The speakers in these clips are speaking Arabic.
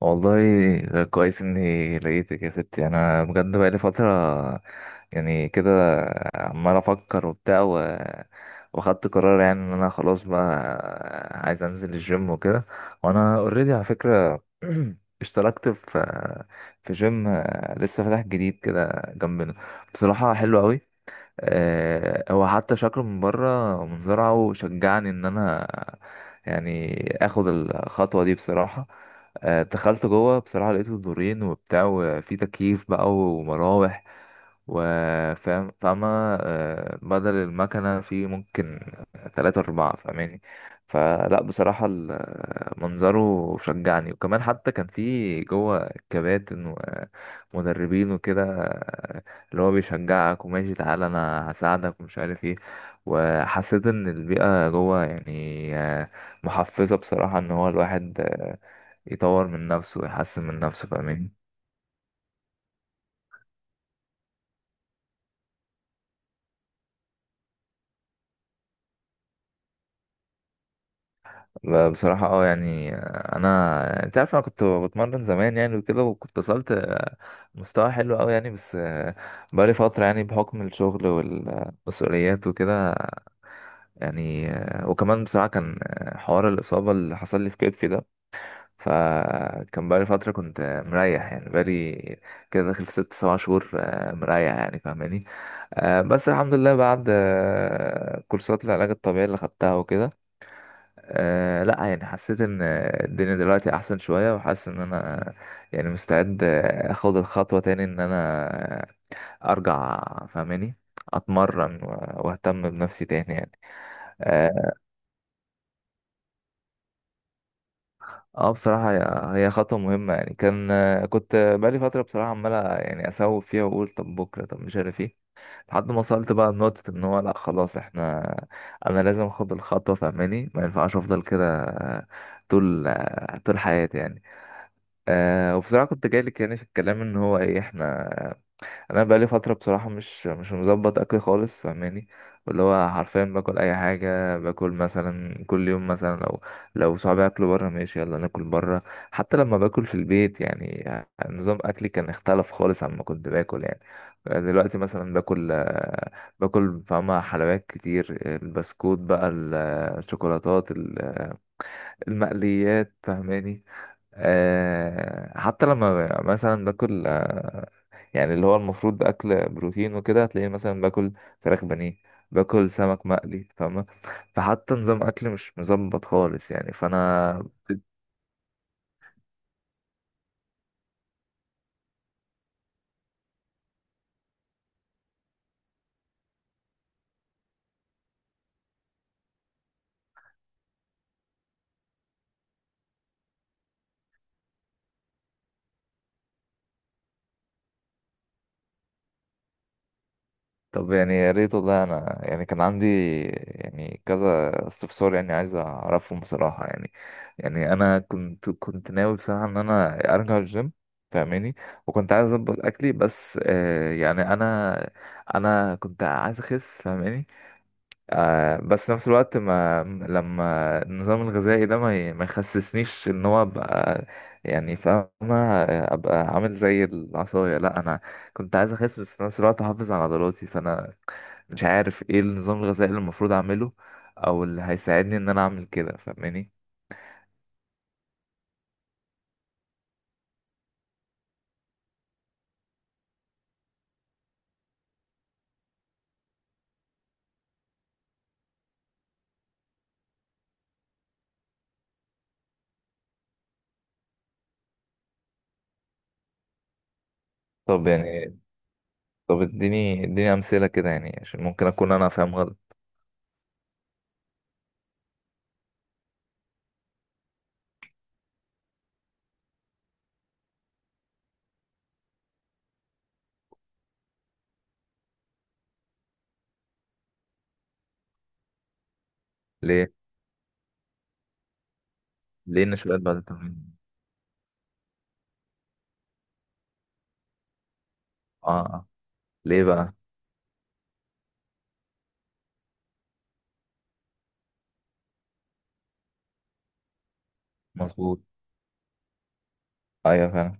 والله، ده كويس اني لقيتك يا ستي. انا بجد بقالي فترة يعني كده، عمال افكر وبتاع، واخدت قرار يعني ان انا خلاص بقى عايز انزل الجيم وكده. وانا اوريدي على فكرة اشتركت في جيم لسه فاتح جديد كده جنبنا. بصراحة حلو قوي. هو حتى شكله من بره منظره شجعني ان انا يعني اخد الخطوه دي بصراحه. دخلت جوه بصراحه لقيته دورين وبتاع، وفي تكييف بقى ومراوح، وفاهم فاهمة. بدل المكنة في ممكن تلاتة أربعة فاهماني. فلا بصراحة منظره شجعني، وكمان حتى كان في جوه كباتن ومدربين وكده، اللي هو بيشجعك وماشي تعالى انا هساعدك ومش عارف ايه. وحسيت ان البيئة جوه يعني محفزة بصراحة، ان هو الواحد يطور من نفسه ويحسن من نفسه فاهمين. بصراحة يعني انا انت عارف انا كنت بتمرن زمان يعني وكده، وكنت وصلت مستوى حلو قوي يعني، بس بقالي فترة يعني بحكم الشغل والمسؤوليات وكده. يعني وكمان بصراحة كان حوار الإصابة اللي حصل لي في كتفي ده، فكان بقالي فترة كنت مريح. يعني بقالي كده داخل في ست سبع شهور مريح يعني فاهماني. بس الحمد لله، بعد كورسات العلاج الطبيعي اللي خدتها وكده، لا يعني حسيت ان الدنيا دلوقتي احسن شوية، وحاسس ان انا يعني مستعد اخد الخطوة تاني، ان انا ارجع فاهماني اتمرن واهتم بنفسي تاني يعني. آه، اه بصراحة هي خطوة مهمة. يعني كان كنت بقالي فترة بصراحة عمال يعني اسوف فيها واقول طب بكرة، طب مش عارف ايه، لحد ما وصلت بقى لنقطة ان هو لا خلاص انا لازم اخد الخطوة فاهماني. ما ينفعش افضل كده طول حياتي يعني. وبصراحة كنت جايلك يعني في الكلام، ان هو ايه انا بقالي فتره بصراحه مش مظبط اكل خالص فاهماني. اللي هو حرفيا باكل اي حاجه. باكل مثلا كل يوم، مثلا لو صحابي اكلوا بره ماشي يلا ناكل بره. حتى لما باكل في البيت، يعني نظام اكلي كان اختلف خالص عن ما كنت باكل يعني. دلوقتي مثلا باكل فاهمة حلويات كتير، البسكوت بقى، الشوكولاتات، المقليات فاهماني. حتى لما مثلا باكل، يعني اللي هو المفروض ده اكل بروتين وكده، هتلاقيه مثلا باكل فراخ بانيه، باكل سمك مقلي فاهمة. فحتى نظام اكل مش مظبط خالص يعني فانا. طب يعني يا ريت والله. انا يعني كان عندي يعني كذا استفسار يعني عايز اعرفهم بصراحة يعني، يعني انا كنت ناوي بصراحة ان انا ارجع الجيم فاهماني، وكنت عايز اظبط اكلي، بس يعني انا كنت عايز اخس فاهماني. بس نفس الوقت، ما لما النظام الغذائي ده ما يخسسنيش، ان هو ابقى يعني فاهمة ابقى عامل زي العصاية. لا انا كنت عايز اخس، بس في نفس الوقت احافظ على عضلاتي، فانا مش عارف ايه النظام الغذائي اللي المفروض اعمله، او اللي هيساعدني ان انا اعمل كده فاهماني. طب يعني طب اديني امثلة كده، يعني عشان ممكن اكون انا فاهم غلط. ليه ليه النشويات بعد التمرين؟ اه، آه. ليه بقى؟ مظبوط. ايوه فعلا.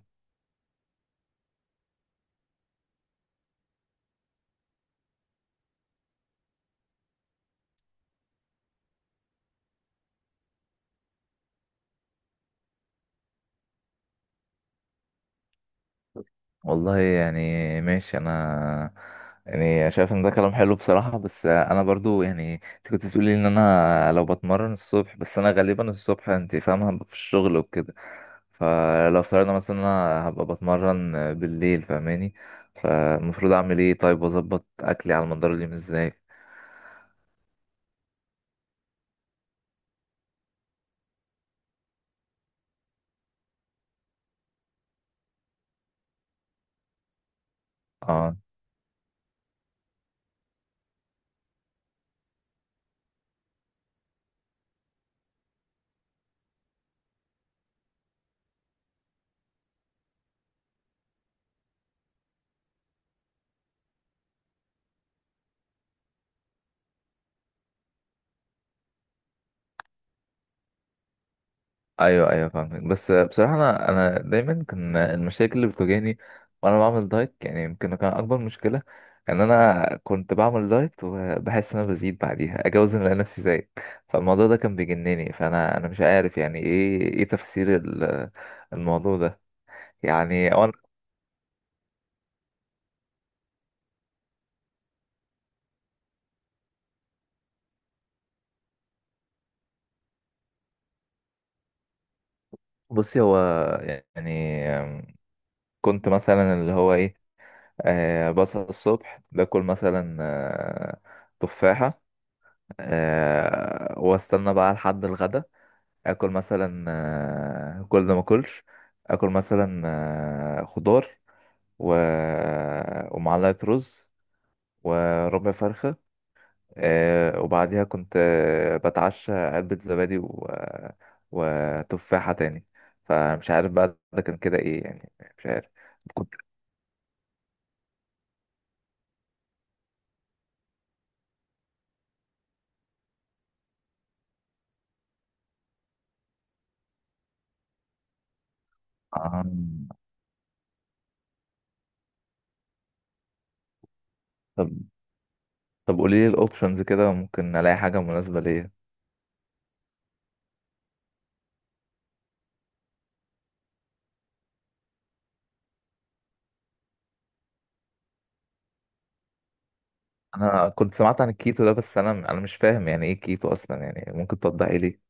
والله يعني ماشي. انا يعني شايف ان ده كلام حلو بصراحة، بس انا برضو يعني انت كنت بتقولي ان انا لو بتمرن الصبح، بس انا غالبا الصبح انت فاهمة هبقى في الشغل وكده. فلو افترضنا مثلا انا هبقى بتمرن بالليل فاهماني، فالمفروض اعمل ايه طيب؟ واظبط اكلي على مدار اليوم ازاي؟ اه، ايوه ايوه، فاهمك. بس بصراحه انا دايما كان المشاكل اللي بتواجهني وانا بعمل دايت، يعني يمكن كان اكبر مشكله ان انا كنت بعمل دايت وبحس ان انا بزيد، بعديها اجي اوزن الاقي نفسي زايد. فالموضوع ده كان بيجنني، فانا مش عارف يعني ايه تفسير الموضوع ده. يعني بصي. هو يعني كنت مثلا اللي هو ايه، بصحى الصبح باكل مثلا تفاحه، واستنى بقى لحد الغدا. اكل مثلا كل ده ما اكلش. اكل مثلا خضار و... ومعلقه رز وربع فرخه، وبعديها كنت بتعشى علبه زبادي وتفاحه تاني. فمش عارف بقى ده كان كده ايه يعني، مش عارف. كنت آه، طب طب، قولي لي الاوبشنز كده، ممكن الاقي حاجه مناسبه ليا. انا كنت سمعت عن الكيتو ده، بس انا مش فاهم يعني ايه كيتو اصلا، يعني ممكن توضحي لي؟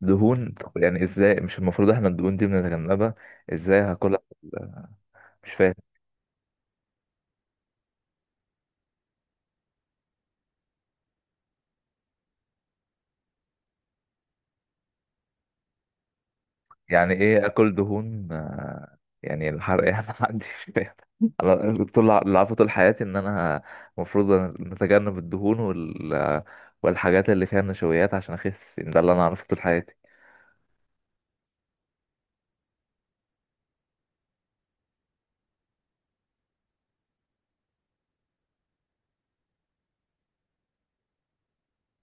دهون؟ طب يعني ازاي؟ مش المفروض احنا الدهون دي بنتجنبها؟ ازاي هاكلها؟ مش فاهم يعني ايه اكل دهون. يعني الحرق يعني ما عنديش فاهم. انا طول اللي عارفه طول حياتي ان انا المفروض نتجنب الدهون والحاجات اللي فيها نشويات عشان اخس، يعني ده اللي انا عارفه طول حياتي.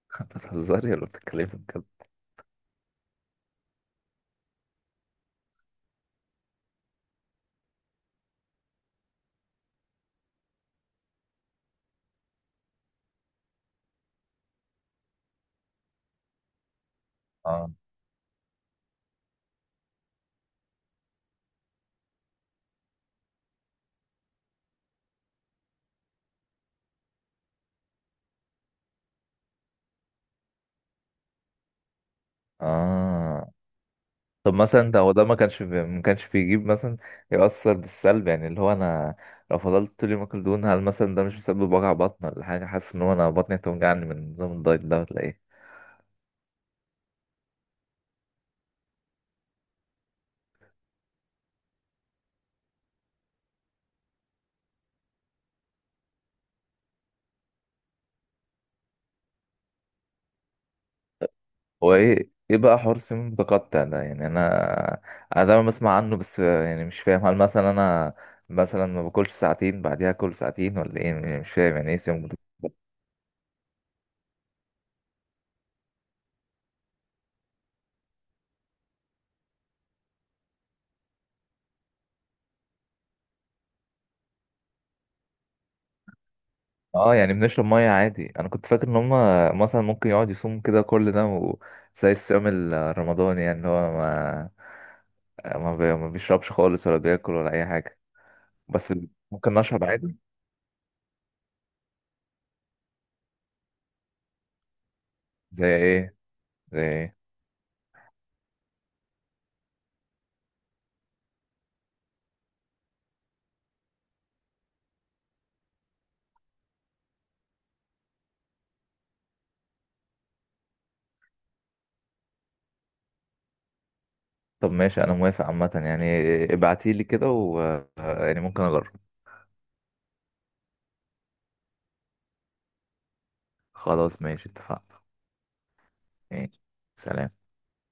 بتهزري ولا بتتكلمي بجد؟ اه اه. طب مثلا ده هو ده ما كانش بيجيب مثلا، يأثر بالسلب يعني، اللي هو انا لو فضلت طول اليوم اكل دهون، هل مثلا ده مش مسبب وجع بطن ولا حاجه؟ حاسس ان هو انا بطني هتوجعني من نظام الدايت ده ولا ايه؟ هو ايه بقى حوار السمين المتقطع ده؟ يعني انا دايما بسمع عنه، بس يعني مش فاهم. هل مثلا انا مثلا ما باكلش ساعتين بعديها اكل ساعتين ولا ايه يعني؟ مش فاهم يعني ايه سمين؟ اه، يعني بنشرب ميه عادي؟ انا كنت فاكر ان هم مثلا ممكن يقعد يصوم كده كل ده، زي الصيام الرمضاني، يعني اللي هو ما بيشربش خالص ولا بياكل ولا اي حاجه. بس ممكن نشرب عادي؟ زي ايه؟ زي ايه؟ طب ماشي، انا موافق عامه يعني، ابعتيلي كده يعني ممكن اجرب. خلاص ماشي، اتفقنا. ماشي. سلام.